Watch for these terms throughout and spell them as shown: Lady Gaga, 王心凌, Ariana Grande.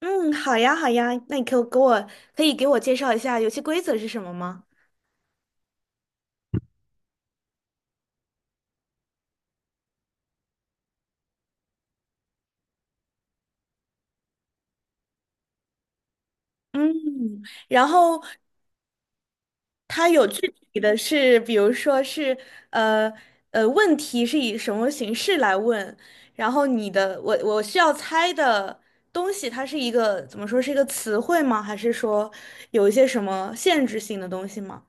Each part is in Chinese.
嗯，好呀，好呀，那你可以给我介绍一下游戏规则是什么吗？嗯，然后它有具体的是，比如说是呃问题是以什么形式来问，然后你的我我需要猜的东西，它是一个怎么说是一个词汇吗？还是说有一些什么限制性的东西吗？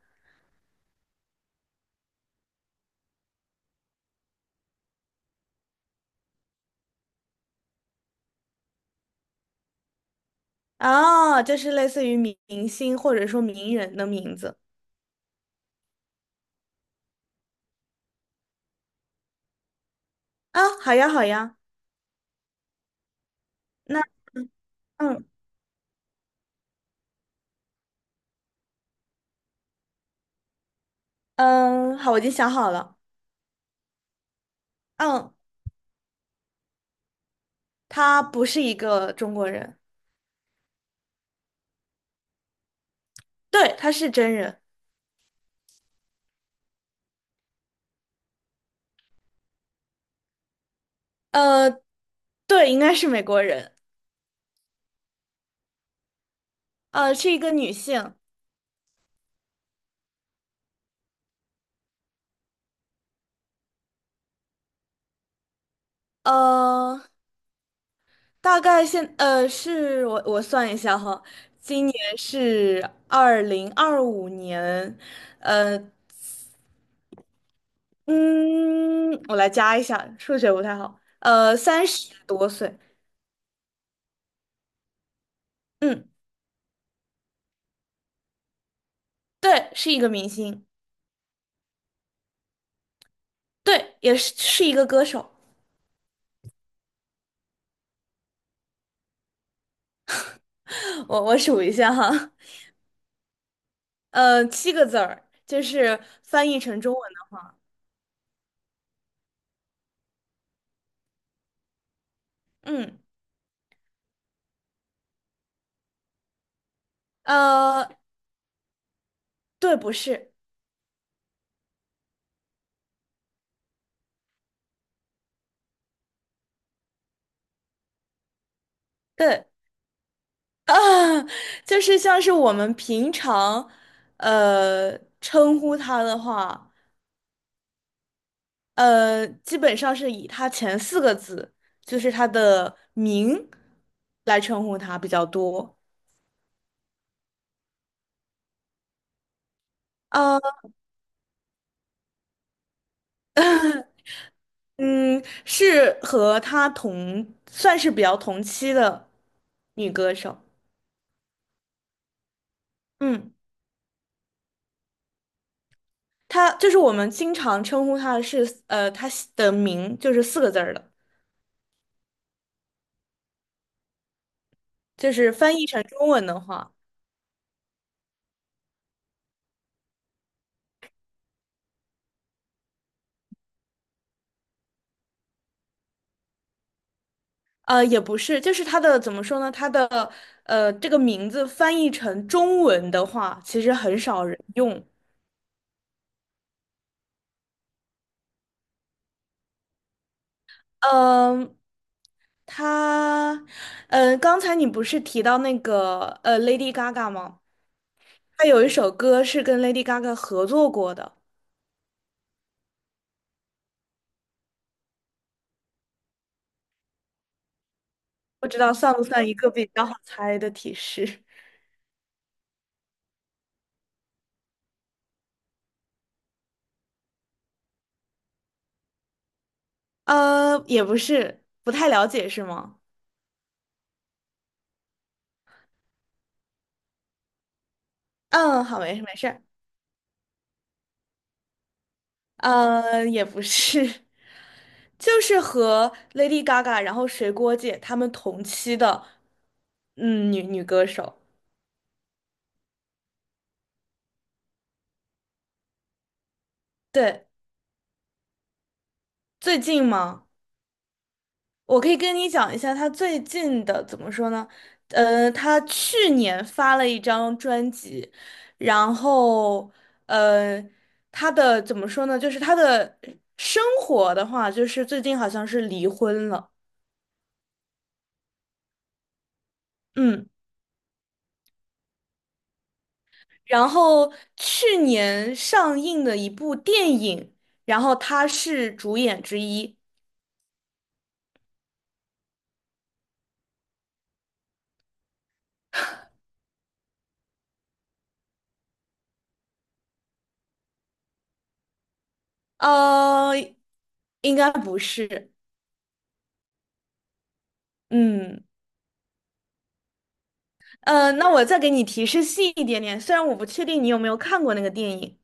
啊，就是类似于明星或者说名人的名字。啊，好呀，好呀，那嗯嗯，好，我已经想好了。嗯，他不是一个中国人。对，他是真人。呃，对，应该是美国人。是一个女性。呃，大概现，呃，是我我算一下哈。今年是2025年，呃，嗯，我来加一下，数学不太好，30多岁。嗯，对，是一个明星。对，也是一个歌手。我数一下哈。七个字儿，就是翻译成中文的。嗯，呃，对，不是。对。啊，就是像是我们平常，称呼它的话，基本上是以它前四个字，就是它的名来称呼它比较多。呃，嗯，是和她同，算是比较同期的女歌手。嗯。它就是我们经常称呼它它的名就是四个字儿的，就是翻译成中文的话。也不是，就是它的怎么说呢？它的这个名字翻译成中文的话，其实很少人用。嗯、他，刚才你不是提到那个Lady Gaga 吗？她有一首歌是跟 Lady Gaga 合作过的。不知道算不算一个比较好猜的提示？也不是，不太了解是吗？嗯，好，没事没事。也不是。就是和 Lady Gaga，然后水果姐她们同期的，嗯，女歌手。对，最近吗？我可以跟你讲一下她最近的怎么说呢？她去年发了一张专辑，然后呃，她的怎么说呢？就是她的生活的话，就是最近好像是离婚了。嗯。然后去年上映的一部电影，然后他是主演之一。呃，应该不是。嗯，那我再给你提示细一点点，虽然我不确定你有没有看过那个电影，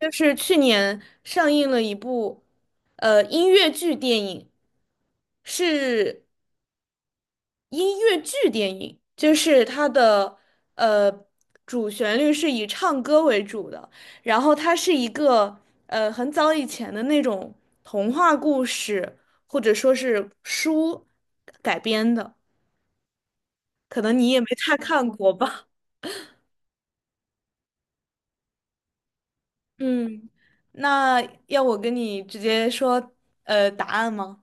就是去年上映了一部音乐剧电影，是。音乐剧电影，就是它的呃主旋律是以唱歌为主的，然后它是一个很早以前的那种童话故事或者说是书改编的，可能你也没太看过吧。嗯，那要我跟你直接说答案吗？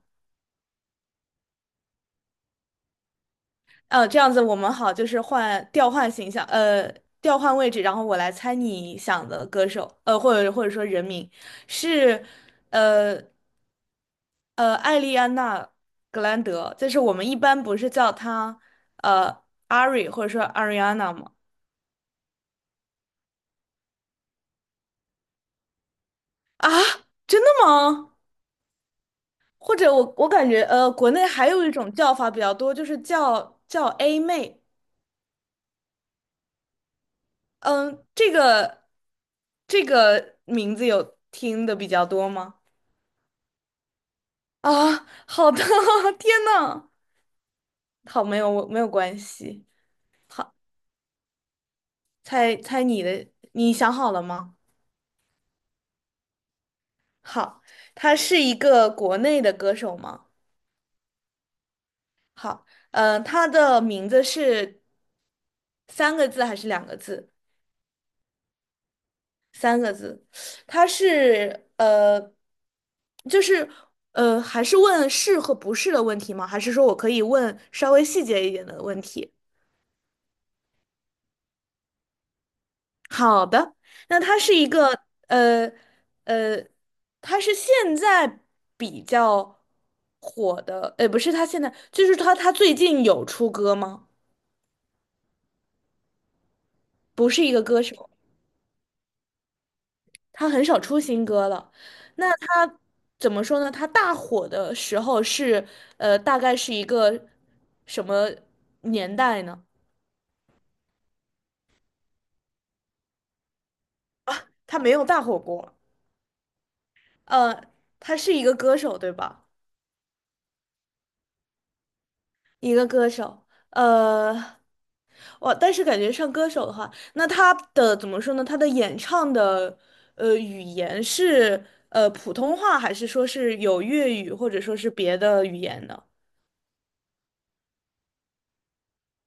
这样子我们好，就是调换形象，调换位置，然后我来猜你想的歌手，或者说人名是。呃艾丽安娜·格兰德，就是我们一般不是叫她呃 Ari 或者说 Ariana 吗？啊，真的吗？或者我感觉国内还有一种叫法比较多，就是叫 A 妹。嗯，这个名字有听的比较多吗？啊，好的，天呐，好，没有关系。猜猜你的，你想好了吗？好，他是一个国内的歌手吗？好。他的名字是三个字还是两个字？三个字。他是呃，就是呃，还是问是和不是的问题吗？还是说我可以问稍微细节一点的问题？好的，那呃呃，它是现在比较火的，不是它现在，就是它最近有出歌吗？不是一个歌手，他很少出新歌了。那他怎么说呢？他大火的时候大概是一个什么年代呢？他没有大火过。呃，他是一个歌手，对吧？一个歌手。我但是感觉上歌手的话，那他的怎么说呢？他的演唱的语言是普通话，还是说是有粤语，或者说是别的语言的？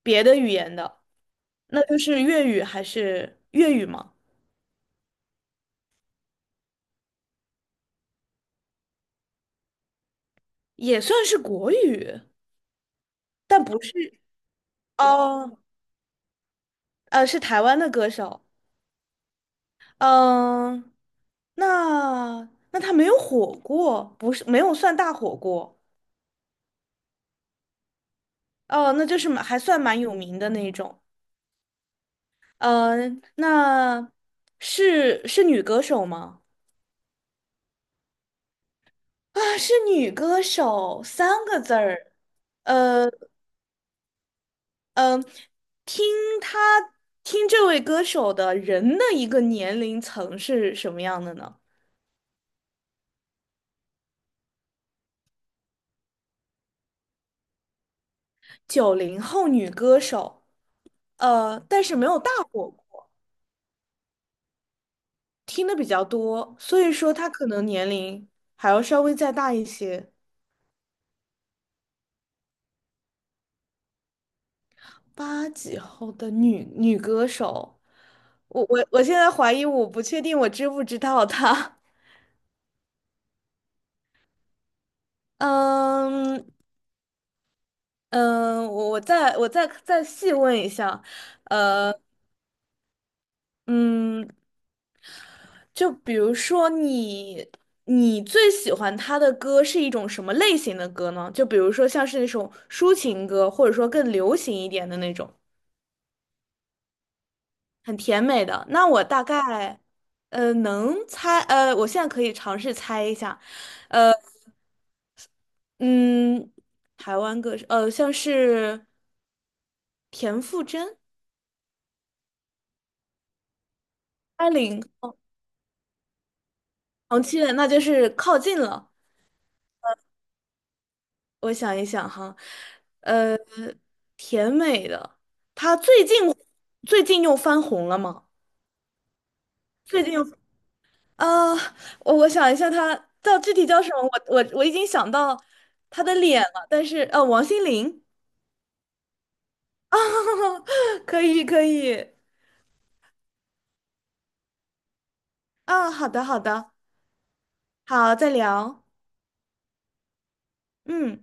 别的语言的，那就是粤语吗？也算是国语。但不是哦，是台湾的歌手。嗯、那他没有火过，不是没有算大火过。哦，那就是还算蛮有名的那种。呃，那是女歌手吗？啊，是女歌手，三个字儿。呃嗯、呃，听她听这位歌手的人的一个年龄层是什么样的呢？90后女歌手。但是没有大火过，听的比较多，所以说她可能年龄还要稍微再大一些。八几后的女歌手。我现在怀疑，我不确定我知不知道她。嗯嗯，我再细问一下。呃嗯，就比如说你最喜欢她的歌是一种什么类型的歌呢？就比如说像是那种抒情歌，或者说更流行一点的那种，很甜美的。那我大概呃能猜呃，我现在可以尝试猜一下。嗯，台湾歌手，像是田馥甄、艾琳、哦黄绮蕾，那就是靠近了。我想一想哈，呃，甜美的，她最近又翻红了吗？最近又啊，呃我想一下她，叫具体叫什么？我已经想到她的脸了，但是王心凌。 啊，可以可以。啊，好的好的。好，再聊。嗯。